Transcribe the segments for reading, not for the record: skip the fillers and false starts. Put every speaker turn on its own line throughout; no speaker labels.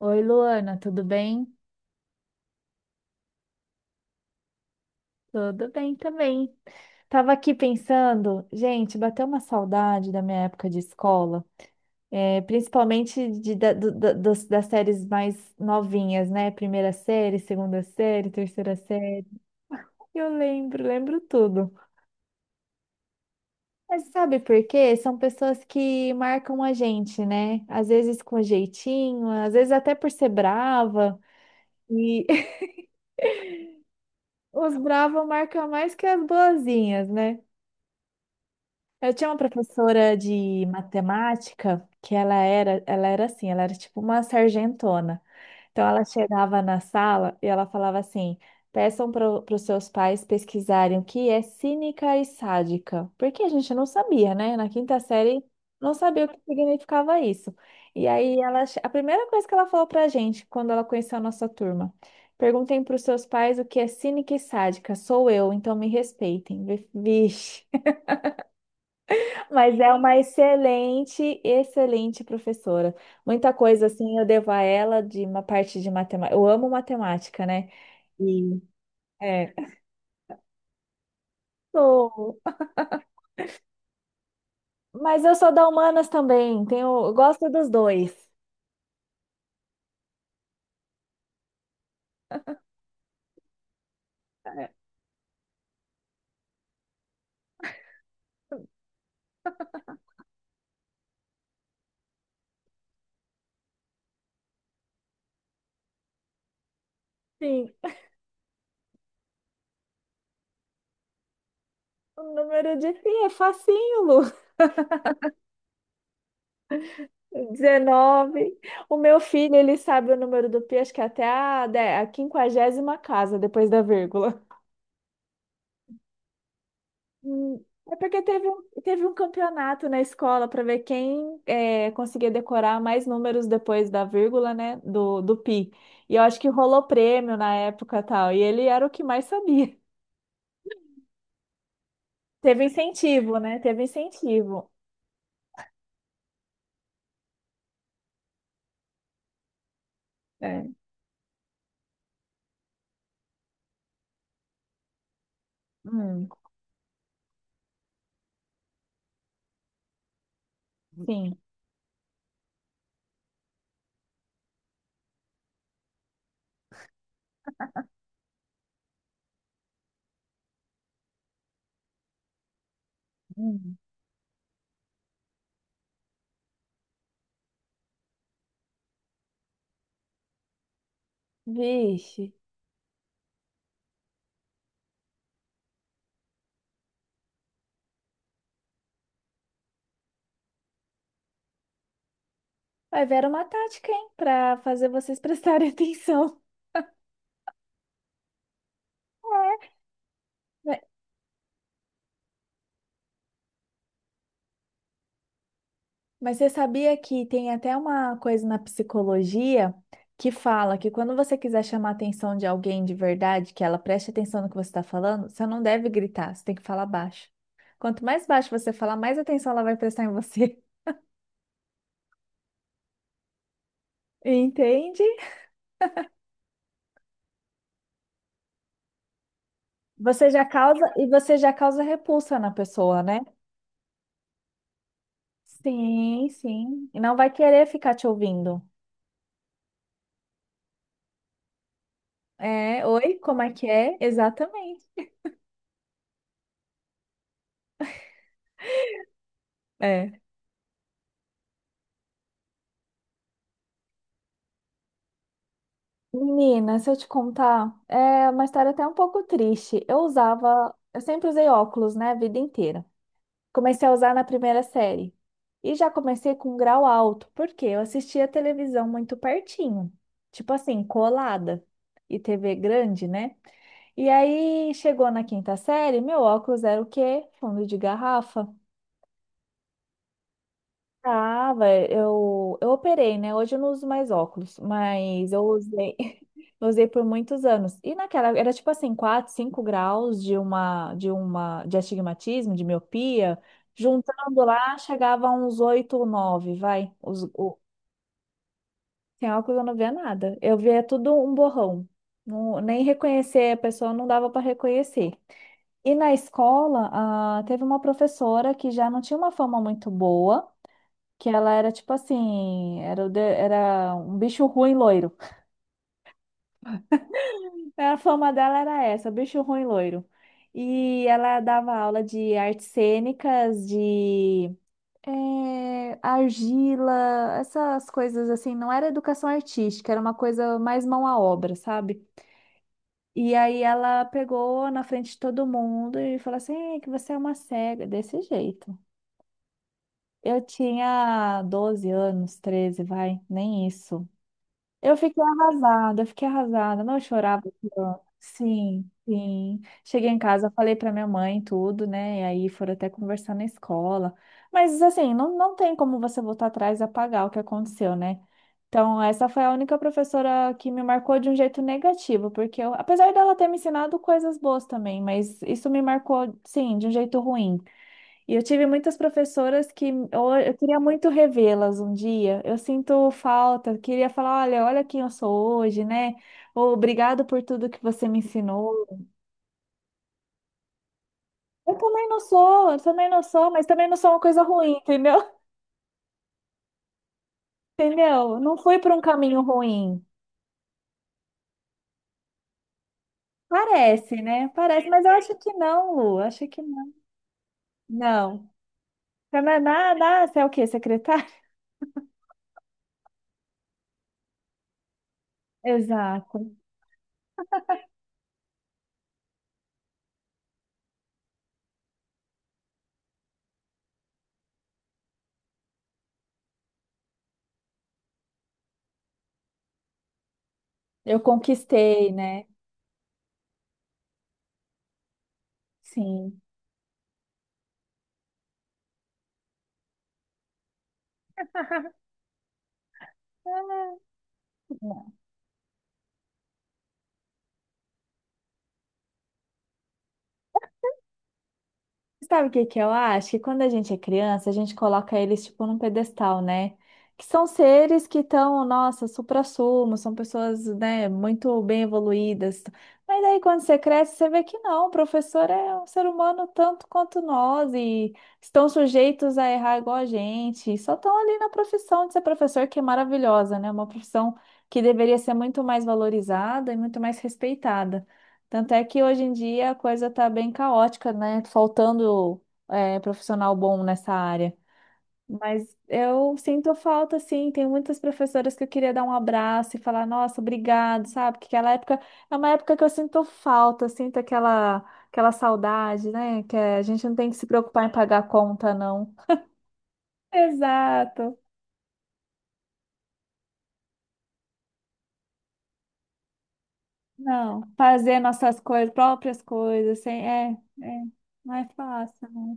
Oi, Luana, tudo bem? Tudo bem também. Tava aqui pensando, gente, bateu uma saudade da minha época de escola, é, principalmente de, da- do- da- dos- das séries mais novinhas, né? Primeira série, segunda série, terceira série. Eu lembro, lembro tudo. Mas sabe por quê? São pessoas que marcam a gente, né? Às vezes com jeitinho, às vezes até por ser brava. E os bravos marcam mais que as boazinhas, né? Eu tinha uma professora de matemática que ela era assim, ela era tipo uma sargentona. Então ela chegava na sala e ela falava assim: peçam para os seus pais pesquisarem o que é cínica e sádica. Porque a gente não sabia, né? Na quinta série não sabia o que significava isso. E aí a primeira coisa que ela falou pra gente quando ela conheceu a nossa turma. Perguntem para os seus pais o que é cínica e sádica. Sou eu, então me respeitem. Vixe. Mas é uma excelente, excelente professora. Muita coisa assim eu devo a ela de uma parte de matemática. Eu amo matemática, né? E é. Sou- Mas eu sou da humanas também. Eu gosto dos dois. É. Sim, o número de pi é facinho, Lu. 19. O meu filho, ele sabe o número do pi, acho que até a 50ª casa, depois da vírgula. Hum. É porque teve um campeonato na escola para ver quem conseguia decorar mais números depois da vírgula, né? Do pi. E eu acho que rolou prêmio na época e tal. E ele era o que mais sabia. Teve incentivo, né? Teve incentivo. É. Hum, sim. Hum. Vixe. Vai ver uma tática, hein? Para fazer vocês prestarem atenção. Mas você sabia que tem até uma coisa na psicologia que fala que quando você quiser chamar a atenção de alguém de verdade, que ela preste atenção no que você está falando, você não deve gritar, você tem que falar baixo. Quanto mais baixo você falar, mais atenção ela vai prestar em você. Entende? Você já causa repulsa na pessoa, né? Sim, sim. E não vai querer ficar te ouvindo. É, oi, como é que é? Exatamente. É. Menina, se eu te contar, é uma história até um pouco triste. Eu sempre usei óculos, né, a vida inteira. Comecei a usar na primeira série. E já comecei com um grau alto, porque eu assistia televisão muito pertinho, tipo assim, colada e TV grande, né? E aí chegou na quinta série, meu óculos era o quê? Fundo de garrafa. Tava, eu operei, né? Hoje eu não uso mais óculos, mas eu usei, eu usei por muitos anos. E naquela, era tipo assim, 4, 5 graus de astigmatismo, de miopia. Juntando lá, chegava a uns 8 ou 9, vai. Sem óculos eu não via nada. Eu via tudo um borrão. Não, nem reconhecer a pessoa não dava para reconhecer. E na escola, ah, teve uma professora que já não tinha uma fama muito boa, que ela era tipo assim, era um bicho ruim loiro. A fama dela era essa, bicho ruim loiro. E ela dava aula de artes cênicas, de argila, essas coisas assim. Não era educação artística, era uma coisa mais mão à obra, sabe? E aí ela pegou na frente de todo mundo e falou assim: "Ei, que você é uma cega, desse jeito." Eu tinha 12 anos, 13 vai, nem isso. Eu fiquei arrasada, não eu chorava. Aqui, ó. Sim, sim. Cheguei em casa, falei pra minha mãe tudo, né? E aí foram até conversar na escola. Mas assim, não, não tem como você voltar atrás e apagar o que aconteceu, né? Então, essa foi a única professora que me marcou de um jeito negativo, porque apesar dela ter me ensinado coisas boas também, mas isso me marcou, sim, de um jeito ruim. E eu tive muitas professoras que eu queria muito revê-las um dia. Eu sinto falta, queria falar, olha, olha quem eu sou hoje, né? Ou obrigado por tudo que você me ensinou. Eu também não sou, eu também não sou, mas também não sou uma coisa ruim, entendeu? Entendeu? Não fui por um caminho ruim. Parece, né? Parece, mas eu acho que não, Lu, eu acho que não. Não. Mas você é o quê? Secretário? Exato. Eu conquistei, né? Sim. Ah, sabe o que que eu acho? Que quando a gente é criança, a gente coloca eles tipo num pedestal, né? Que são seres que estão, nossa, suprassumo, são pessoas, né, muito bem evoluídas. Mas aí quando você cresce, você vê que não, o professor é um ser humano tanto quanto nós e estão sujeitos a errar igual a gente. Só estão ali na profissão de ser professor, que é maravilhosa, né? Uma profissão que deveria ser muito mais valorizada e muito mais respeitada. Tanto é que hoje em dia a coisa tá bem caótica, né? Faltando é, profissional bom nessa área. Mas eu sinto falta, sim. Tem muitas professoras que eu queria dar um abraço e falar, nossa, obrigado, sabe? Porque aquela época é uma época que eu sinto falta, sinto aquela, aquela saudade, né? Que a gente não tem que se preocupar em pagar a conta, não. Exato. Não, fazer nossas coisas, próprias coisas, sem, é, não é fácil, né?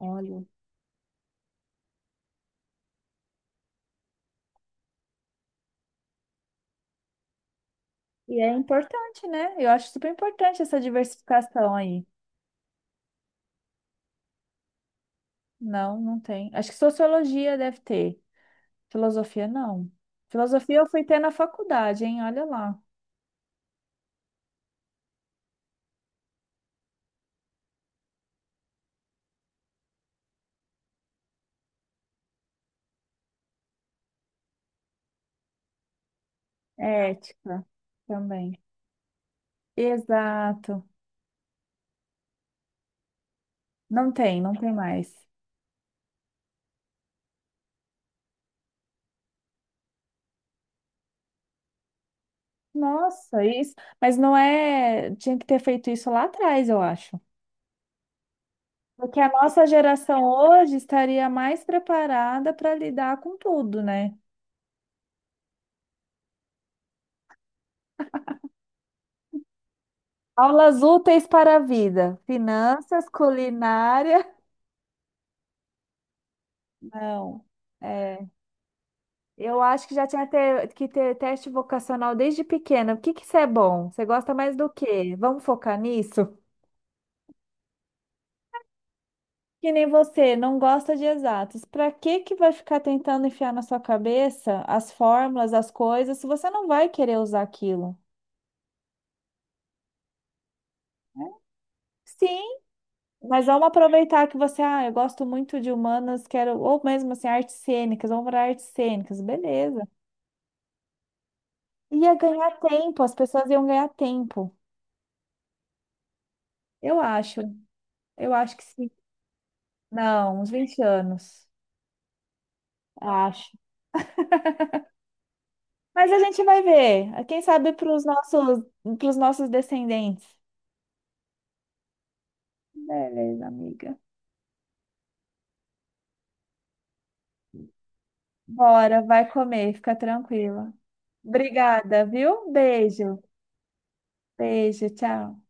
Olha. E é importante, né? Eu acho super importante essa diversificação aí. Não, não tem. Acho que sociologia deve ter. Filosofia, não. Filosofia eu fui ter na faculdade, hein? Olha lá. Ética também. Exato. Não tem, não tem mais. Nossa, isso. Mas não é. Tinha que ter feito isso lá atrás, eu acho. Porque a nossa geração hoje estaria mais preparada para lidar com tudo, né? Aulas úteis para a vida. Finanças, culinária. Não. É, eu acho que já tinha que ter teste vocacional desde pequena. O que que você é bom? Você gosta mais do quê? Vamos focar nisso? Que nem você, não gosta de exatos. Para que que vai ficar tentando enfiar na sua cabeça as fórmulas, as coisas, se você não vai querer usar aquilo? Sim, mas vamos aproveitar que você, ah, eu gosto muito de humanas, quero, ou mesmo assim, artes cênicas, vamos para artes cênicas, beleza. Ia ganhar tempo, as pessoas iam ganhar tempo, eu acho, eu acho que sim. Não, uns 20 anos. Acho. Mas a gente vai ver. Quem sabe para os nossos, para nossos descendentes. Beleza, amiga. Bora, vai comer, fica tranquila. Obrigada, viu? Beijo, beijo, tchau.